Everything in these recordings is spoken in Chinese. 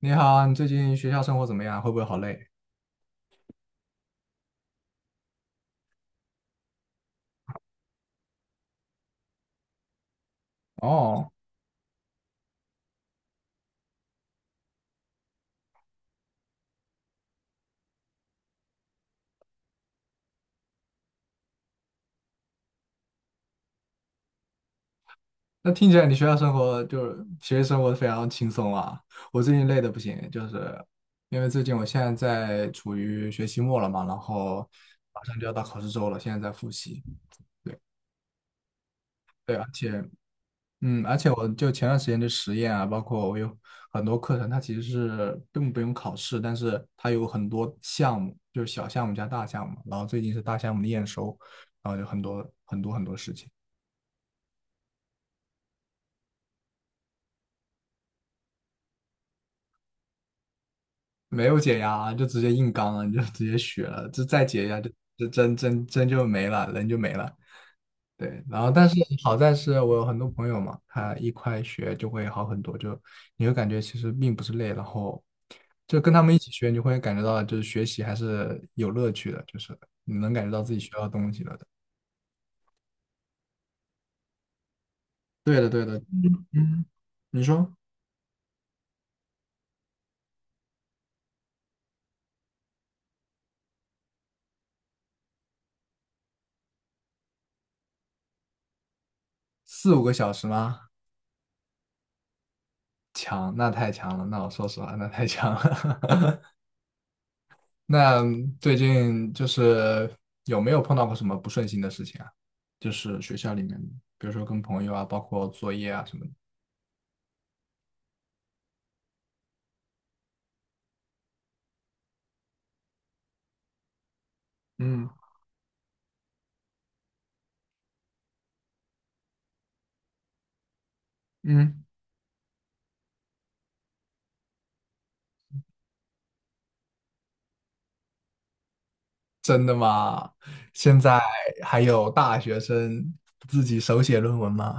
你好啊你最近学校生活怎么样？会不会好累？哦，那听起来你学校生活就是学习生活非常轻松啊。我最近累的不行，就是因为最近我现在在处于学期末了嘛，然后马上就要到考试周了，现在在复习。对，而且我就前段时间的实验啊，包括我有很多课程，它其实是根本不用考试，但是它有很多项目，就是小项目加大项目，然后最近是大项目的验收，然后就很多很多很多事情。没有解压啊就直接硬刚了，你就直接学了，这再解压就真真真就没了，人就没了。对，然后但是好在是我有很多朋友嘛，他一块学就会好很多，就你会感觉其实并不是累，然后就跟他们一起学，你就会感觉到就是学习还是有乐趣的，就是你能感觉到自己学到东西了的。对的，对的，嗯嗯，你说4、5个小时吗？强，那太强了，那我说实话，那太强了。那最近就是有没有碰到过什么不顺心的事情啊？就是学校里面，比如说跟朋友啊，包括作业啊什么的。嗯嗯，真的吗？现在还有大学生自己手写论文吗？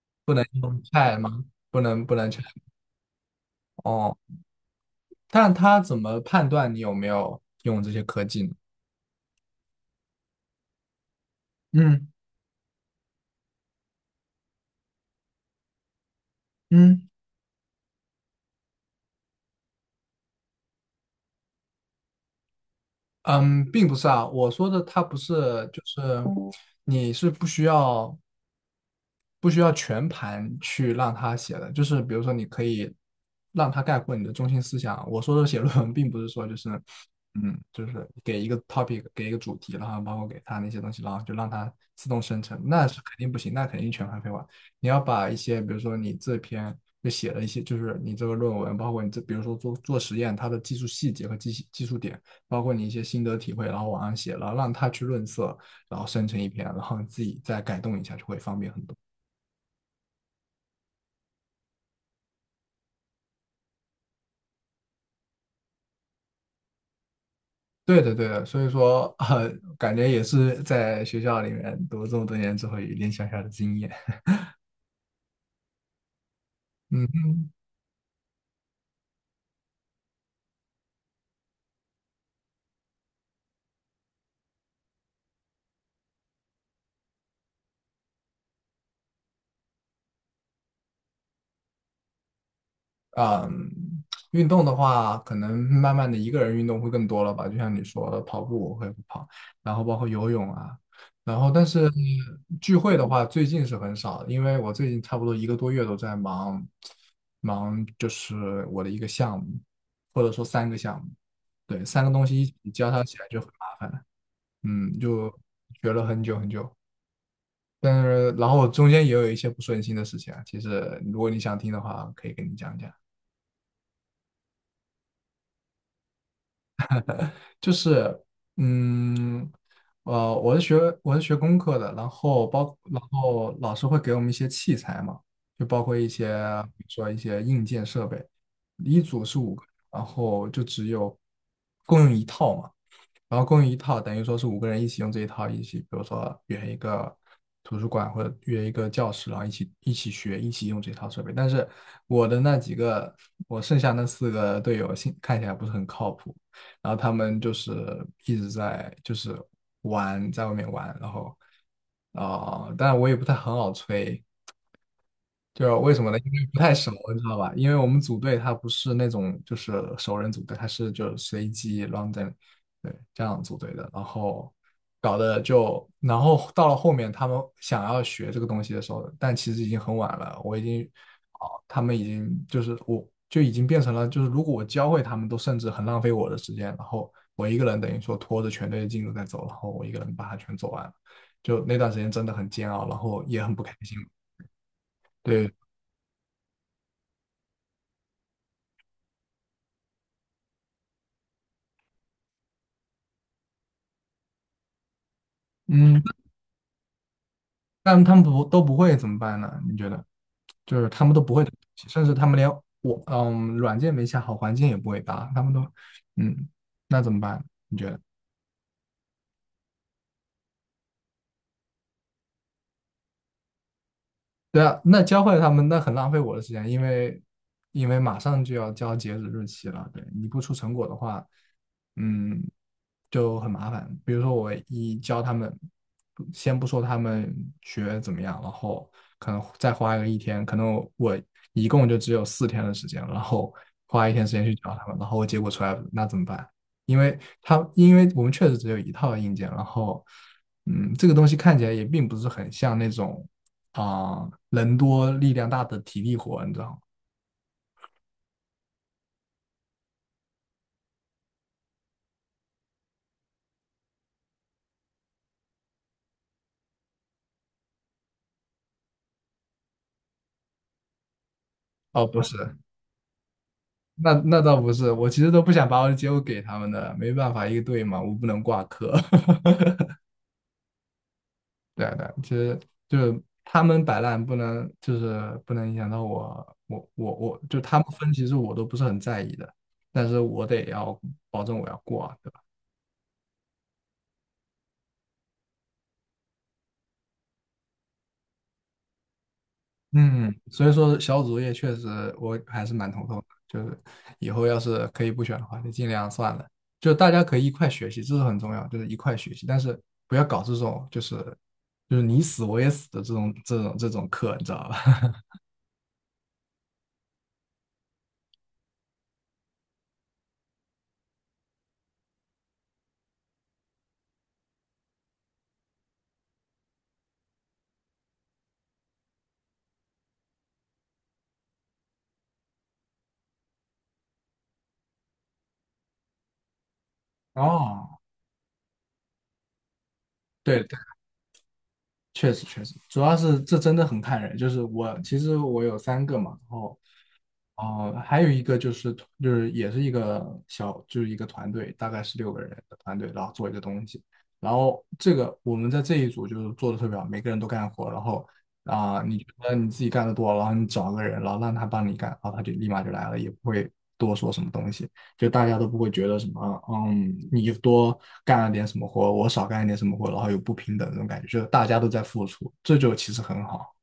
不能用 Chat 吗？不能不能 Chat 哦。但他怎么判断你有没有用这些科技呢？嗯嗯嗯，并不是啊，我说的他不是，就是你是不需要。不需要全盘去让他写的，就是比如说你可以让他概括你的中心思想。我说的写论文，并不是说就是，就是给一个 topic，给一个主题，然后包括给他那些东西，然后就让他自动生成，那是肯定不行，那肯定全盘废话。你要把一些，比如说你这篇就写了一些，就是你这个论文，包括你这，比如说做做实验，它的技术细节和技术点，包括你一些心得体会，然后往上写，然后让他去润色，然后生成一篇，然后自己再改动一下，就会方便很多。对的，对的，所以说，感觉也是在学校里面读了这么多年之后，有一点小小的经验。嗯啊，运动的话，可能慢慢的一个人运动会更多了吧，就像你说的，跑步我会跑，然后包括游泳啊，然后但是聚会的话，最近是很少的因为我最近差不多一个多月都在忙，忙就是我的一个项目，或者说3个项目，对，3个东西一起交叉起来就很麻烦，嗯，就学了很久很久。但是然后中间也有一些不顺心的事情啊。其实如果你想听的话，可以跟你讲讲。就是嗯我是学工科的，然后老师会给我们一些器材嘛，就包括一些比如说一些硬件设备，一组是五个，然后就只有共用一套嘛。然后共用一套，等于说是5个人一起用这一套，一起比如说约一个图书馆或者约一个教室，然后一起学，一起用这套设备。但是我的那几个，我剩下那4个队友，现看起来不是很靠谱。然后他们就是一直在就是玩，在外面玩，然后当然我也不太很好催，就是为什么呢？因为不太熟，你知道吧？因为我们组队他不是那种就是熟人组队，他是就随机 random，对，这样组队的。然后搞得就，然后到了后面他们想要学这个东西的时候，但其实已经很晚了，我已经，哦，他们已经就是我就已经变成了就是如果我教会他们，都甚至很浪费我的时间。然后我一个人等于说拖着全队的进度在走，然后我一个人把它全走完了，就那段时间真的很煎熬，然后也很不开心。对，嗯，但他们不都不会怎么办呢？你觉得？就是他们都不会这个东西甚至他们连我软件没下好，环境也不会搭，他们都嗯，那怎么办？你觉得？对啊，那教会他们那很浪费我的时间，因为马上就要交截止日期了，对，你不出成果的话，嗯，就很麻烦。比如说我一教他们，不先不说他们学怎么样，然后可能再花个一天，可能我一共就只有四天的时间，然后花一天时间去教他们，然后我结果出来那怎么办？因为他因为我们确实只有一套硬件，然后这个东西看起来也并不是很像那种。人多力量大的体力活，你知道吗？哦，不是，那倒不是，我其实都不想把我的结果给他们的，没办法，一个队嘛，我不能挂科。对啊对啊，其实就是他们摆烂，不能就是不能影响到我，我就他们分，其实我都不是很在意的，但是我得要保证我要过啊。嗯，所以说小组作业确实我还是蛮头痛的，就是以后要是可以不选的话，就尽量算了。就大家可以一块学习，这是很重要，就是一块学习，但是不要搞这种就是你死我也死的这种课，你知道吧？哦，对对，确实确实，主要是这真的很看人。就是我其实我有三个嘛，然后哦，还有一个也是一个团队，大概是6个人的团队，然后做一个东西。然后这个我们在这一组就是做的特别好，每个人都干活。然后你觉得你自己干的多，然后你找个人，然后让他帮你干，然后他就立马就来了，也不会多说什么东西，就大家都不会觉得什么，你多干了点什么活，我少干了点什么活，然后有不平等这种感觉，就是大家都在付出，这就其实很好。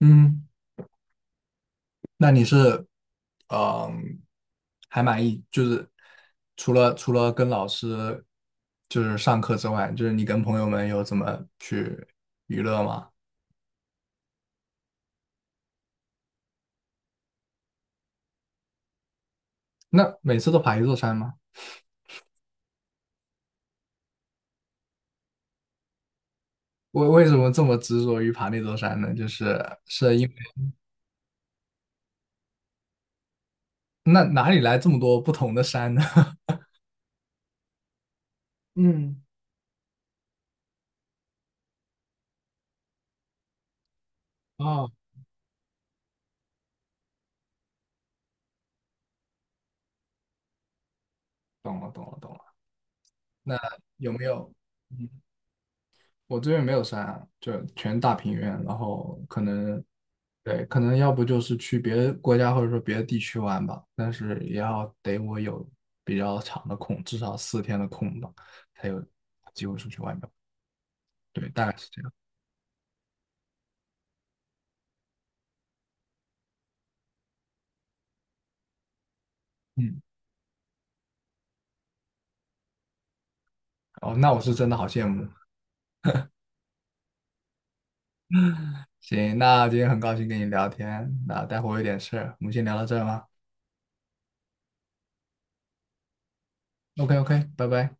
嗯。那你是，嗯，还满意？就是除了跟老师就是上课之外，就是你跟朋友们有怎么去娱乐吗？那每次都爬一座山吗？为什么这么执着于爬那座山呢？就是是因为那哪里来这么多不同的山呢？嗯，哦，懂了，懂了，懂了。那有没有？嗯我这边没有山，啊，就全大平原，然后可能，对，可能要不就是去别的国家或者说别的地区玩吧，但是也要得我有比较长的空，至少四天的空吧，才有机会出去玩面。对，大概是这样。嗯，哦，那我是真的好羡慕。行，那今天很高兴跟你聊天，那待会儿我有点事儿我们先聊到这儿吧。OK OK，拜拜。